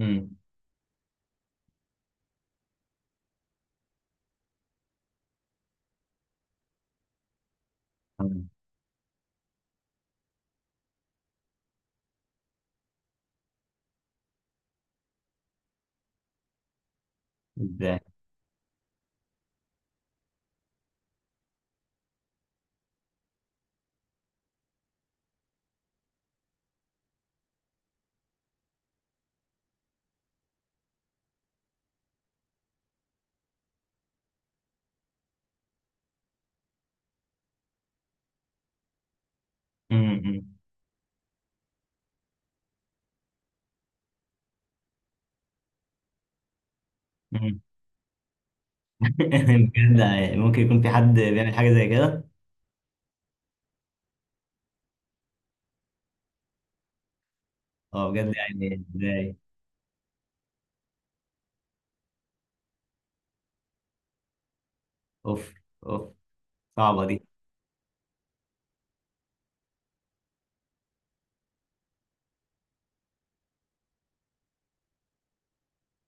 امم. ازاي؟ امم. امم. بجد، يعني ممكن يكون في حد بيعمل حاجه زي كده؟ اه بجد، يعني ازاي؟ اوف. اوف. صعبه دي.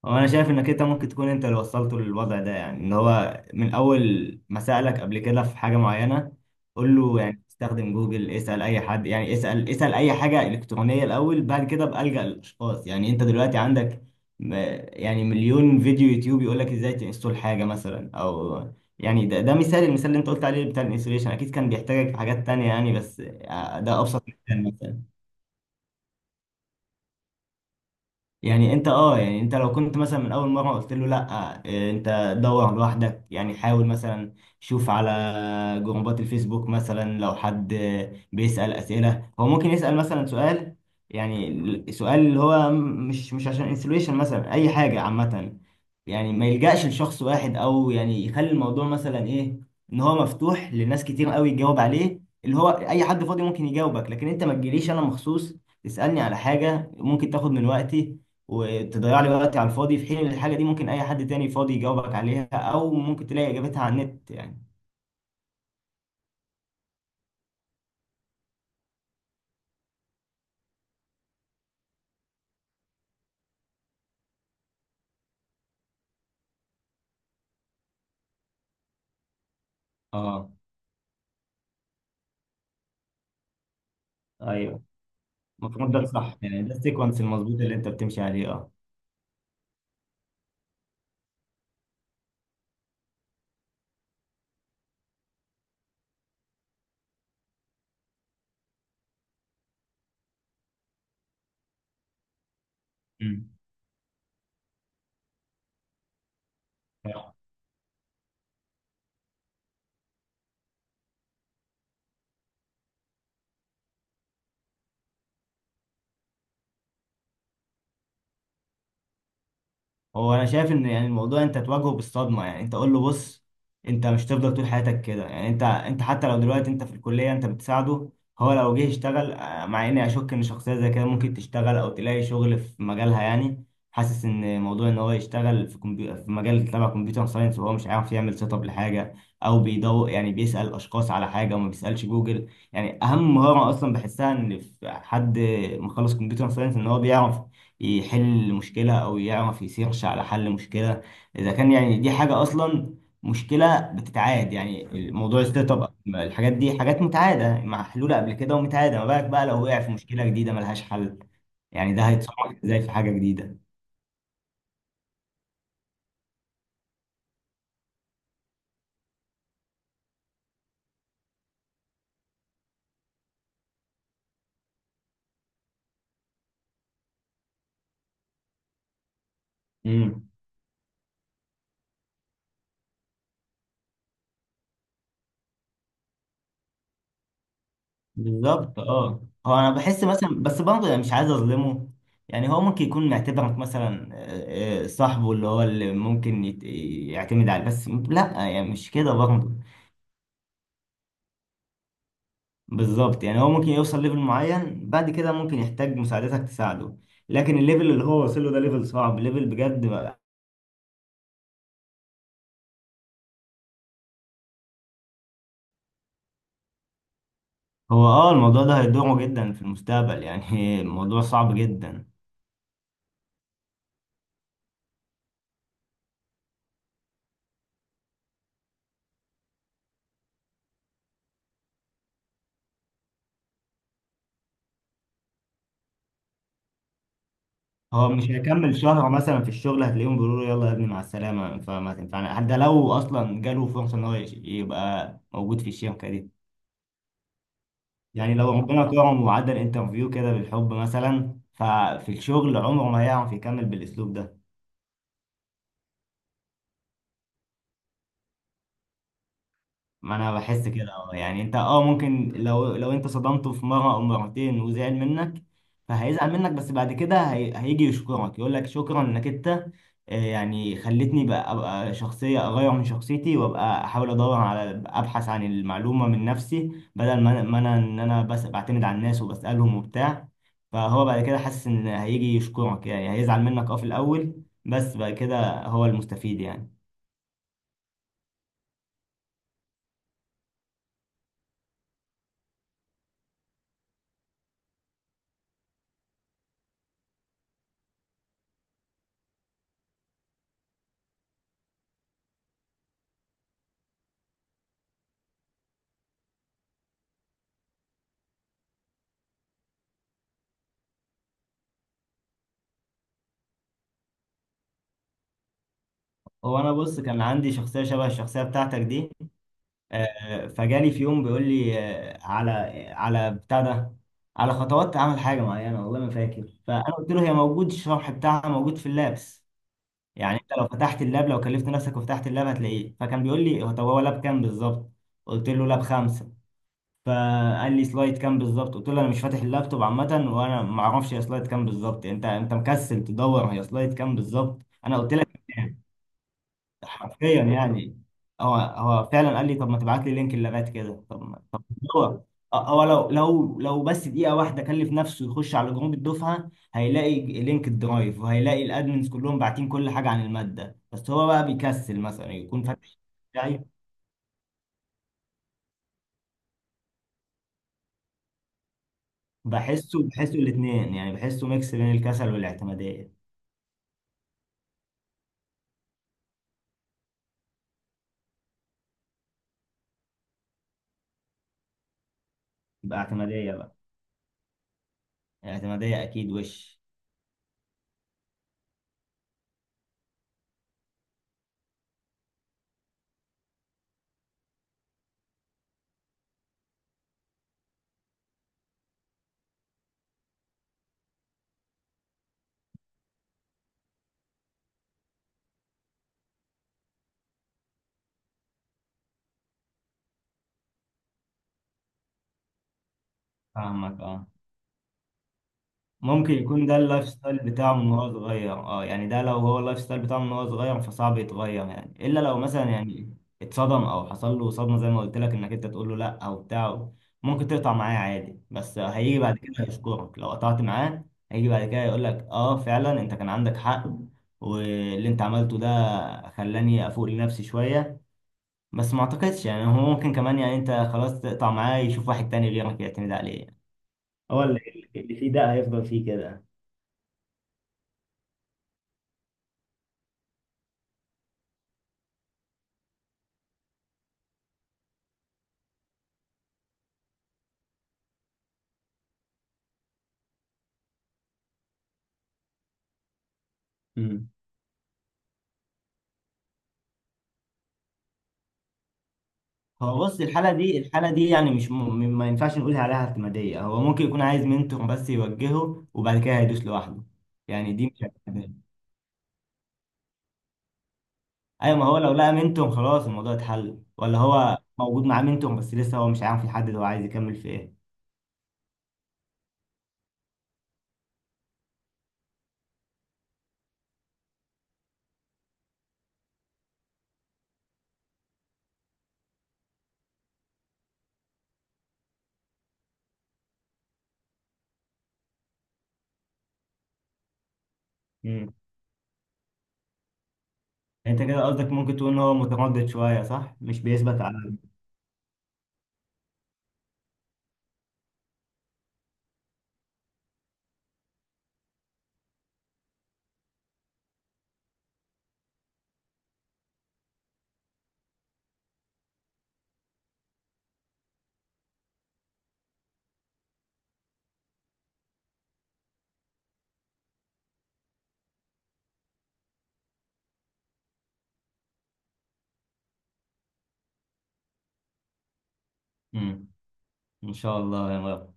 هو انا شايف انك انت ممكن تكون انت اللي وصلته للوضع ده، يعني ان هو من اول ما سالك قبل كده في حاجه معينه قول له يعني استخدم جوجل، اسال اي حد، يعني اسال اي حاجه الكترونيه الاول، بعد كده بقى الجا للاشخاص. يعني انت دلوقتي عندك م- يعني مليون فيديو يوتيوب يقول لك ازاي تنستول حاجه مثلا، او يعني ده مثال، المثال اللي انت قلت عليه بتاع الانستليشن اكيد كان بيحتاجك في حاجات تانية يعني، بس ده ابسط مثال مثلا. يعني انت اه، يعني انت لو كنت مثلا من اول مره قلت له لا، اه، انت دور لوحدك، يعني حاول مثلا، شوف على جروبات الفيسبوك مثلا، لو حد بيسال اسئله هو ممكن يسال مثلا سؤال، يعني سؤال اللي هو مش عشان انسلويشن، مثلا اي حاجه عامه، يعني ما يلجاش لشخص واحد، او يعني يخلي الموضوع مثلا ايه، ان هو مفتوح لناس كتير قوي يجاوب عليه، اللي هو اي حد فاضي ممكن يجاوبك، لكن انت ما تجيليش انا مخصوص تسالني على حاجه ممكن تاخد من وقتي، وتضيع لي وقتي على الفاضي، في حين إن الحاجة دي ممكن أي حد تاني فاضي يجاوبك عليها، أو ممكن تلاقي إجابتها على النت يعني. اه. أيوه. المفروض ده صح، يعني ده السيكونس المظبوط اللي أنت بتمشي عليه، اه. مم. هو انا شايف ان يعني الموضوع انت تواجهه بالصدمه، يعني انت قول له: بص، انت مش هتفضل طول حياتك كده، يعني انت حتى لو دلوقتي انت في الكليه انت بتساعده، هو لو جه يشتغل مع اني اشك ان شخصيه زي كده ممكن تشتغل او تلاقي شغل في مجالها يعني. حاسس ان موضوع ان هو يشتغل في في مجال تبع كمبيوتر ساينس وهو مش عارف يعمل سيت اب لحاجه، او بيدور يعني بيسال اشخاص على حاجه وما بيسالش جوجل. يعني اهم مهاره اصلا بحسها ان في حد مخلص كمبيوتر ساينس ان هو بيعرف يحل مشكلة، أو يعرف يسيرش على حل مشكلة، إذا كان يعني دي حاجة أصلا مشكلة بتتعاد، يعني موضوع الستارت اب، الحاجات دي حاجات متعادة محلولة قبل كده ومتعادة، ما بالك بقى لو وقع في مشكلة جديدة ملهاش حل، يعني ده هيتصرف ازاي في حاجة جديدة. امم. بالظبط. اه هو انا بحس مثلا، بس برضه يعني مش عايز اظلمه، يعني هو ممكن يكون معتبرك مثلا صاحبه، اللي هو اللي ممكن يعتمد عليه، بس لا يعني مش كده برضه. بالظبط، يعني هو ممكن يوصل ليفل معين، بعد كده ممكن يحتاج مساعدتك تساعده، لكن الليفل اللي هو وصل له ده ليفل صعب، ليفل بجد بقى. هو الموضوع ده هيضره جدا في المستقبل يعني. الموضوع صعب جدا. هو مش هيكمل شهر مثلا في الشغل، هتلاقيهم بيقولوا له: يلا يا ابني مع السلامة، فما تنفعنا، حتى لو اصلا جاله فرصة ان هو يبقى موجود في الشركة دي، يعني لو ربنا كرمه وعدى الانترفيو كده بالحب مثلا، ففي الشغل عمره ما هيعرف يكمل بالاسلوب ده. ما انا بحس كده اه، يعني انت اه، ممكن لو انت صدمته في مره او مرتين وزعل منك، فهيزعل منك، بس بعد كده هيجي يشكرك، يقول لك شكرا انك انت، يعني خلتني بقى ابقى شخصيه اغير من شخصيتي، وابقى احاول ادور على، ابحث عن المعلومه من نفسي، بدل ما انا بس بعتمد على الناس وبسالهم وبتاع، فهو بعد كده حاسس ان هيجي يشكرك، يعني هيزعل منك في الاول، بس بعد كده هو المستفيد يعني. هو انا بص كان عندي شخصيه شبه الشخصيه بتاعتك دي، فجالي في يوم بيقول لي على بتاع ده، على خطوات تعمل حاجه معينه، والله ما فاكر، فانا قلت له: هي موجود، الشرح بتاعها موجود في اللابس، يعني انت لو فتحت اللاب، لو كلفت نفسك وفتحت اللاب هتلاقيه. فكان بيقول لي هو: طب هو لاب كام بالظبط؟ قلت له: لاب 5. فقال لي: سلايد كام بالظبط؟ قلت له: انا مش فاتح اللابتوب عامه وانا ما اعرفش هي سلايد كام بالظبط، انت مكسل تدور هي سلايد كام بالظبط. انا قلت لك حرفيا يعني. هو فعلا قال لي: طب ما تبعت لي لينك اللغات كده؟ طب طب هو، هو لو بس دقيقة واحدة كلف نفسه يخش على جروب الدفعة هيلاقي لينك الدرايف، وهيلاقي الادمنز كلهم باعتين كل حاجة عن المادة، بس هو بقى بيكسل مثلا يكون فاتح. بتاعي بحسه الاثنين، يعني بحسه ميكس بين الكسل والاعتمادية، يبقى اعتمادية بقى. اعتمادية اكيد وش. فاهمك اه. ممكن يكون ده اللايف ستايل بتاعه من وهو صغير، اه يعني ده لو هو اللايف ستايل بتاعه من وهو صغير فصعب يتغير، يعني الا لو مثلا يعني اتصدم او حصل له صدمه، زي ما قلت لك انك انت تقول له لا او بتاع، ممكن تقطع معاه عادي، بس هيجي بعد كده يشكرك لو قطعت معاه، هيجي بعد كده يقول لك اه فعلا انت كان عندك حق، واللي انت عملته ده خلاني افوق لنفسي شويه. بس ما اعتقدش يعني، هو ممكن كمان يعني انت خلاص تقطع معاه يشوف واحد تاني غيرك يعتمد عليه، هو اللي فيه ده هيفضل فيه كده. مم. هو بص، الحالة دي يعني مش ما ينفعش نقول عليها اعتمادية، هو ممكن يكون عايز منتور بس يوجهه، وبعد كده هيدوس لوحده، يعني دي مش اعتمادية. أيوة، ما هو لو لقى منتور خلاص الموضوع اتحل، ولا هو موجود معاه منتور بس لسه هو مش عارف يحدد هو عايز يكمل في إيه. امم. أنت كده قصدك ممكن تقول إن هو متردد شوية، صح؟ مش بيثبت على. امم. إن شاء الله يا رب.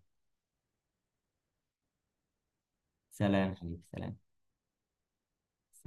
سلام حبيبي، سلام.